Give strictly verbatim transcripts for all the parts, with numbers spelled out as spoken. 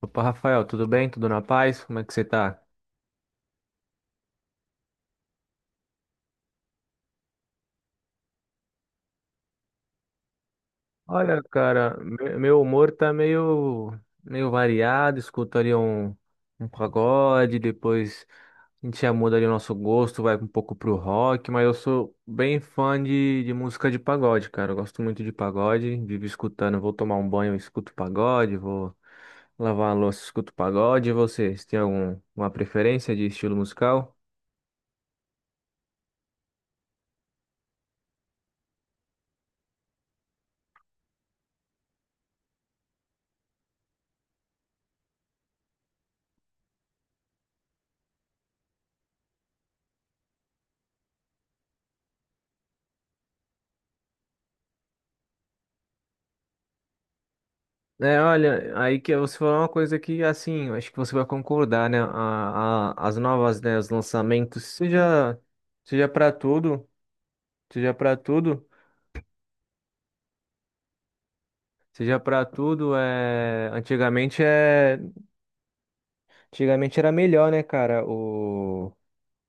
Opa, Rafael, tudo bem? Tudo na paz? Como é que você tá? Olha, cara, me- meu humor tá meio, meio variado. Escuto ali um, um pagode, depois a gente já muda ali o nosso gosto, vai um pouco pro rock, mas eu sou bem fã de, de música de pagode, cara. Eu gosto muito de pagode, vivo escutando. Vou tomar um banho, eu escuto pagode, vou lavar a louça, escuto pagode. E você, você tem algum, uma preferência de estilo musical? É, olha, aí que você falou uma coisa que, assim, eu acho que você vai concordar, né? A, a- as novas, né? Os lançamentos, seja, seja para tudo, seja para tudo, seja para tudo, é... Antigamente é, antigamente era melhor, né, cara? O,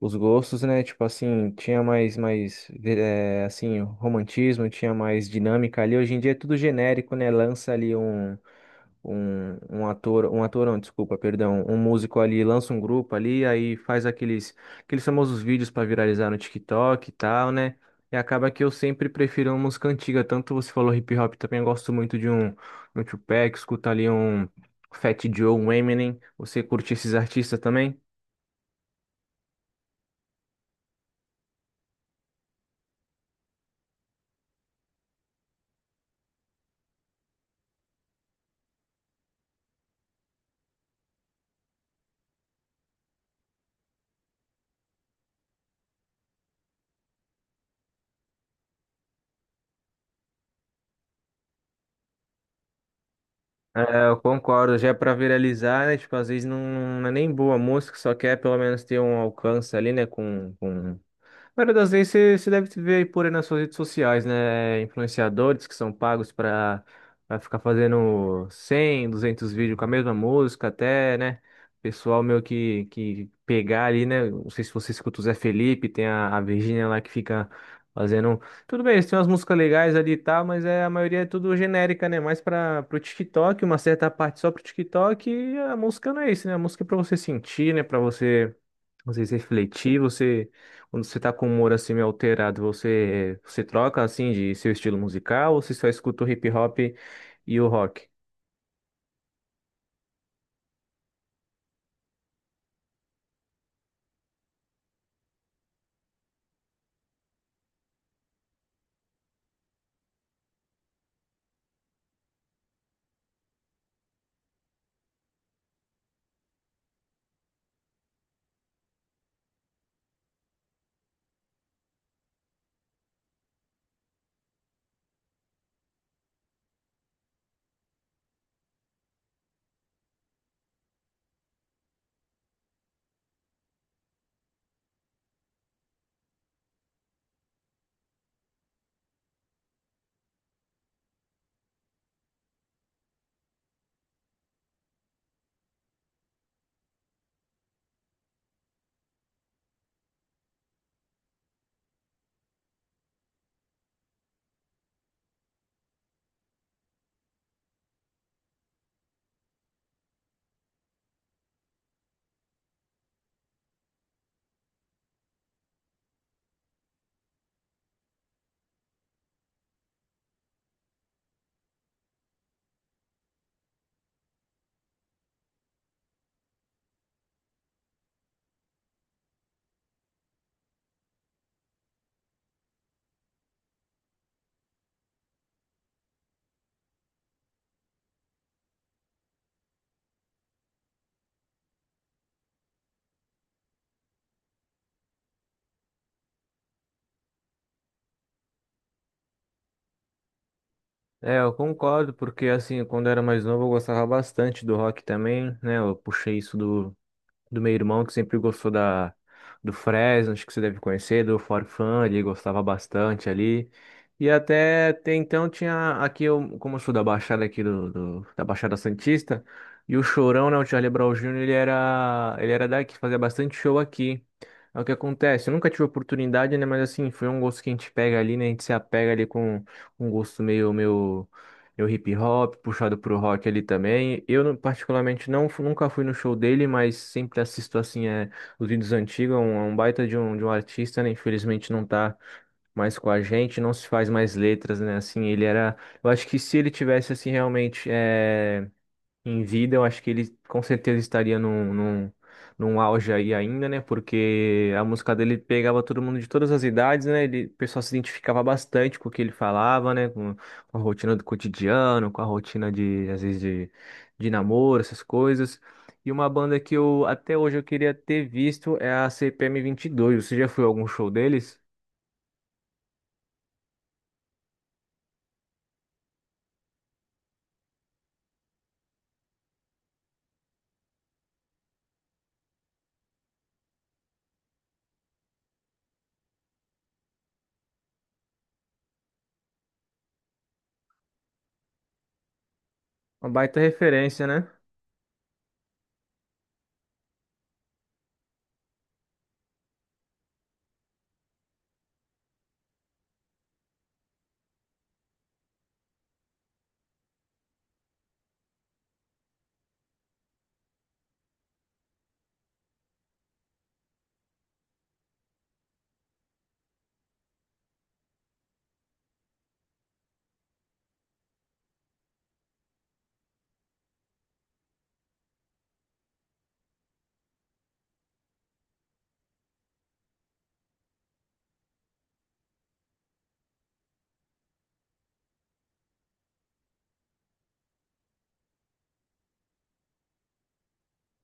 os gostos, né? Tipo assim, tinha mais, mais, é, assim, romantismo, tinha mais dinâmica ali. Hoje em dia é tudo genérico, né? Lança ali um um, um ator, um ator não, desculpa, perdão, um músico ali lança um grupo ali, aí faz aqueles, aqueles famosos vídeos para viralizar no TikTok e tal, né? E acaba que eu sempre prefiro uma música antiga, tanto você falou hip hop, também eu gosto muito de um, um Tupac, escuta ali um Fat Joe, um Eminem, você curte esses artistas também? É, eu concordo, já é pra viralizar, né? Tipo, às vezes não, não é nem boa a música, só quer pelo menos ter um alcance ali, né? Com, com maioria das vezes você, você, deve ver aí por aí nas suas redes sociais, né? Influenciadores que são pagos para para ficar fazendo cem duzentos vídeos com a mesma música, até, né? Pessoal meu que, que pegar ali, né? Não sei se você escuta o Zé Felipe, tem a, a Virgínia lá que fica fazendo. um Tudo bem, eles têm umas músicas legais ali e tal, mas é, a maioria é tudo genérica, né? Mais para o TikTok, uma certa parte só pro TikTok, e a música não é isso, né? A música é pra você sentir, né? Pra você. Vocês refletir, você quando você tá com o humor assim meio alterado, você você troca assim de seu estilo musical ou você só escuta o hip hop e o rock? É, eu concordo, porque assim, quando eu era mais novo eu gostava bastante do rock também, né? Eu puxei isso do do meu irmão, que sempre gostou da, do Fresno, acho que você deve conhecer, do Forfã ele gostava bastante ali. E até, até então tinha aqui, eu, como eu sou da Baixada aqui do, do- da Baixada Santista, e o Chorão, né, o Charlie Brown júnior, ele era, ele era daqui, fazia bastante show aqui. É o que acontece, eu nunca tive oportunidade, né, mas assim, foi um gosto que a gente pega ali, né, a gente se apega ali com um gosto meio, meio é o hip hop, puxado pro rock ali também. Eu, não- particularmente, não, fu- nunca fui no show dele, mas sempre assisto, assim, é, os vídeos antigos. É um, é um baita de um, de um artista, né? Infelizmente não tá mais com a gente, não se faz mais letras, né? Assim, ele era... Eu acho que se ele tivesse, assim, realmente... é, em vida, eu acho que ele com certeza estaria num, num, num auge aí ainda, né? Porque a música dele pegava todo mundo de todas as idades, né? Ele, o pessoal se identificava bastante com o que ele falava, né? Com, com a rotina do cotidiano, com a rotina de, às vezes, de, de namoro, essas coisas. E uma banda que eu até hoje eu queria ter visto é a C P M vinte e dois. Você já foi a algum show deles? Uma baita referência, né?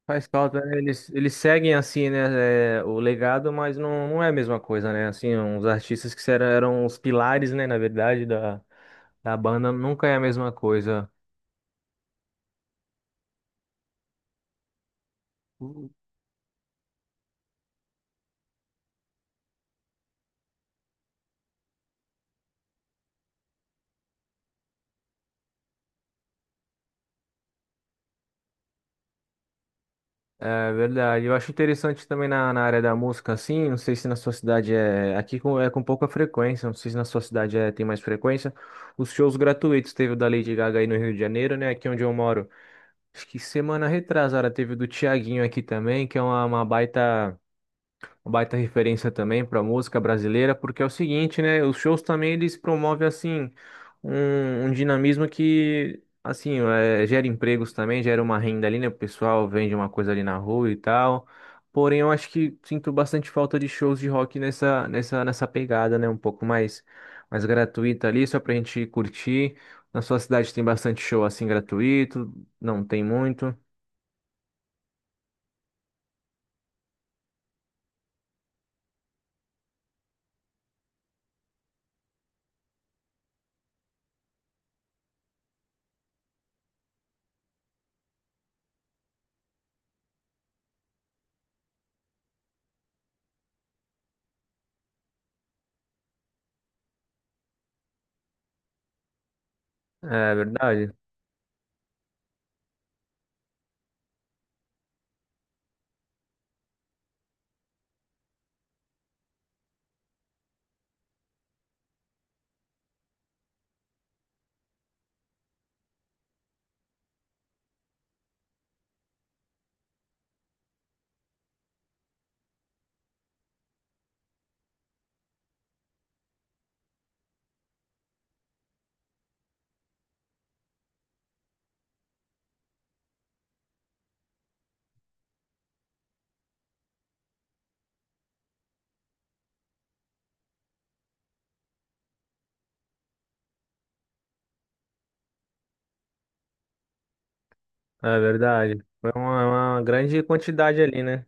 Faz falta, né? Eles, eles seguem assim, né, é, o legado, mas não, não é a mesma coisa, né? Assim, os artistas que eram, eram os pilares, né, na verdade, da, da banda, nunca é a mesma coisa. É verdade. Eu acho interessante também na, na área da música, assim, não sei se na sua cidade é. Aqui com, é com pouca frequência, não sei se na sua cidade é, tem mais frequência. Os shows gratuitos teve o da Lady Gaga aí no Rio de Janeiro, né? Aqui onde eu moro. Acho que semana retrasada teve o do Thiaguinho aqui também, que é uma, uma baita. uma baita referência também para música brasileira, porque é o seguinte, né? Os shows também eles promovem assim um, um dinamismo que assim é, gera empregos também, gera uma renda ali, né? O pessoal vende uma coisa ali na rua e tal. Porém, eu acho que sinto bastante falta de shows de rock nessa nessa nessa pegada, né? Um pouco mais mais gratuita ali, só pra gente curtir. Na sua cidade tem bastante show assim gratuito? Não tem muito. É verdade, é verdade. Foi uma, uma grande quantidade ali, né?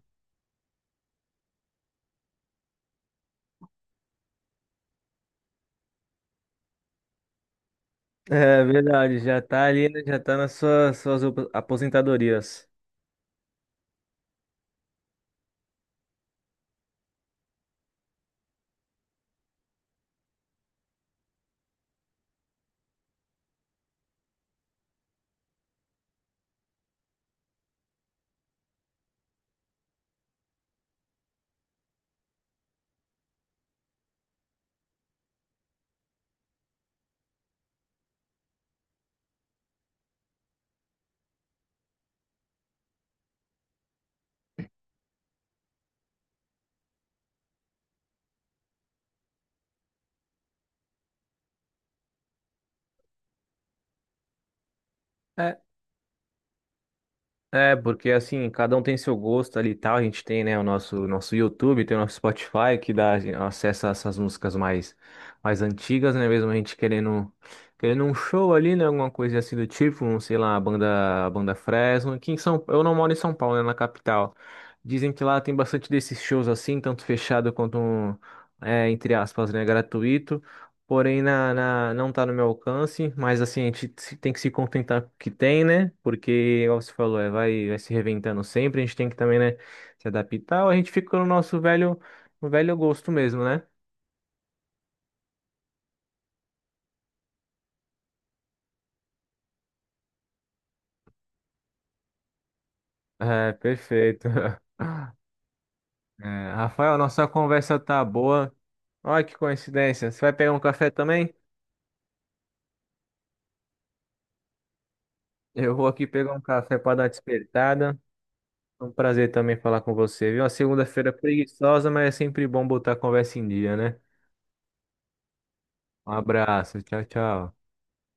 É verdade, já tá ali, né, já tá nas suas, suas op- aposentadorias. É, é, porque assim, cada um tem seu gosto ali e tal. A gente tem, né, o nosso, nosso YouTube, tem o nosso Spotify, que dá assim, acesso a essas músicas mais, mais antigas, né? Mesmo a gente querendo, querendo um show ali, né? Alguma coisa assim do tipo, um, sei lá, a banda, a banda Fresno. Aqui em São, eu não moro em São Paulo, né? Na capital. Dizem que lá tem bastante desses shows assim, tanto fechado quanto, um, é, entre aspas, né, gratuito. Porém, na, na- não está no meu alcance, mas assim, a gente se- tem que se contentar com o que tem, né? Porque, igual você falou, é, vai, vai se reinventando sempre, a gente tem que também, né, se adaptar, ou a gente fica no nosso velho, no velho gosto mesmo, né? É, perfeito. É, Rafael, nossa conversa tá boa. Olha que coincidência. Você vai pegar um café também? Eu vou aqui pegar um café para dar uma despertada. Foi um prazer também falar com você, viu? Uma segunda-feira é preguiçosa, mas é sempre bom botar a conversa em dia, né? Um abraço, tchau, tchau.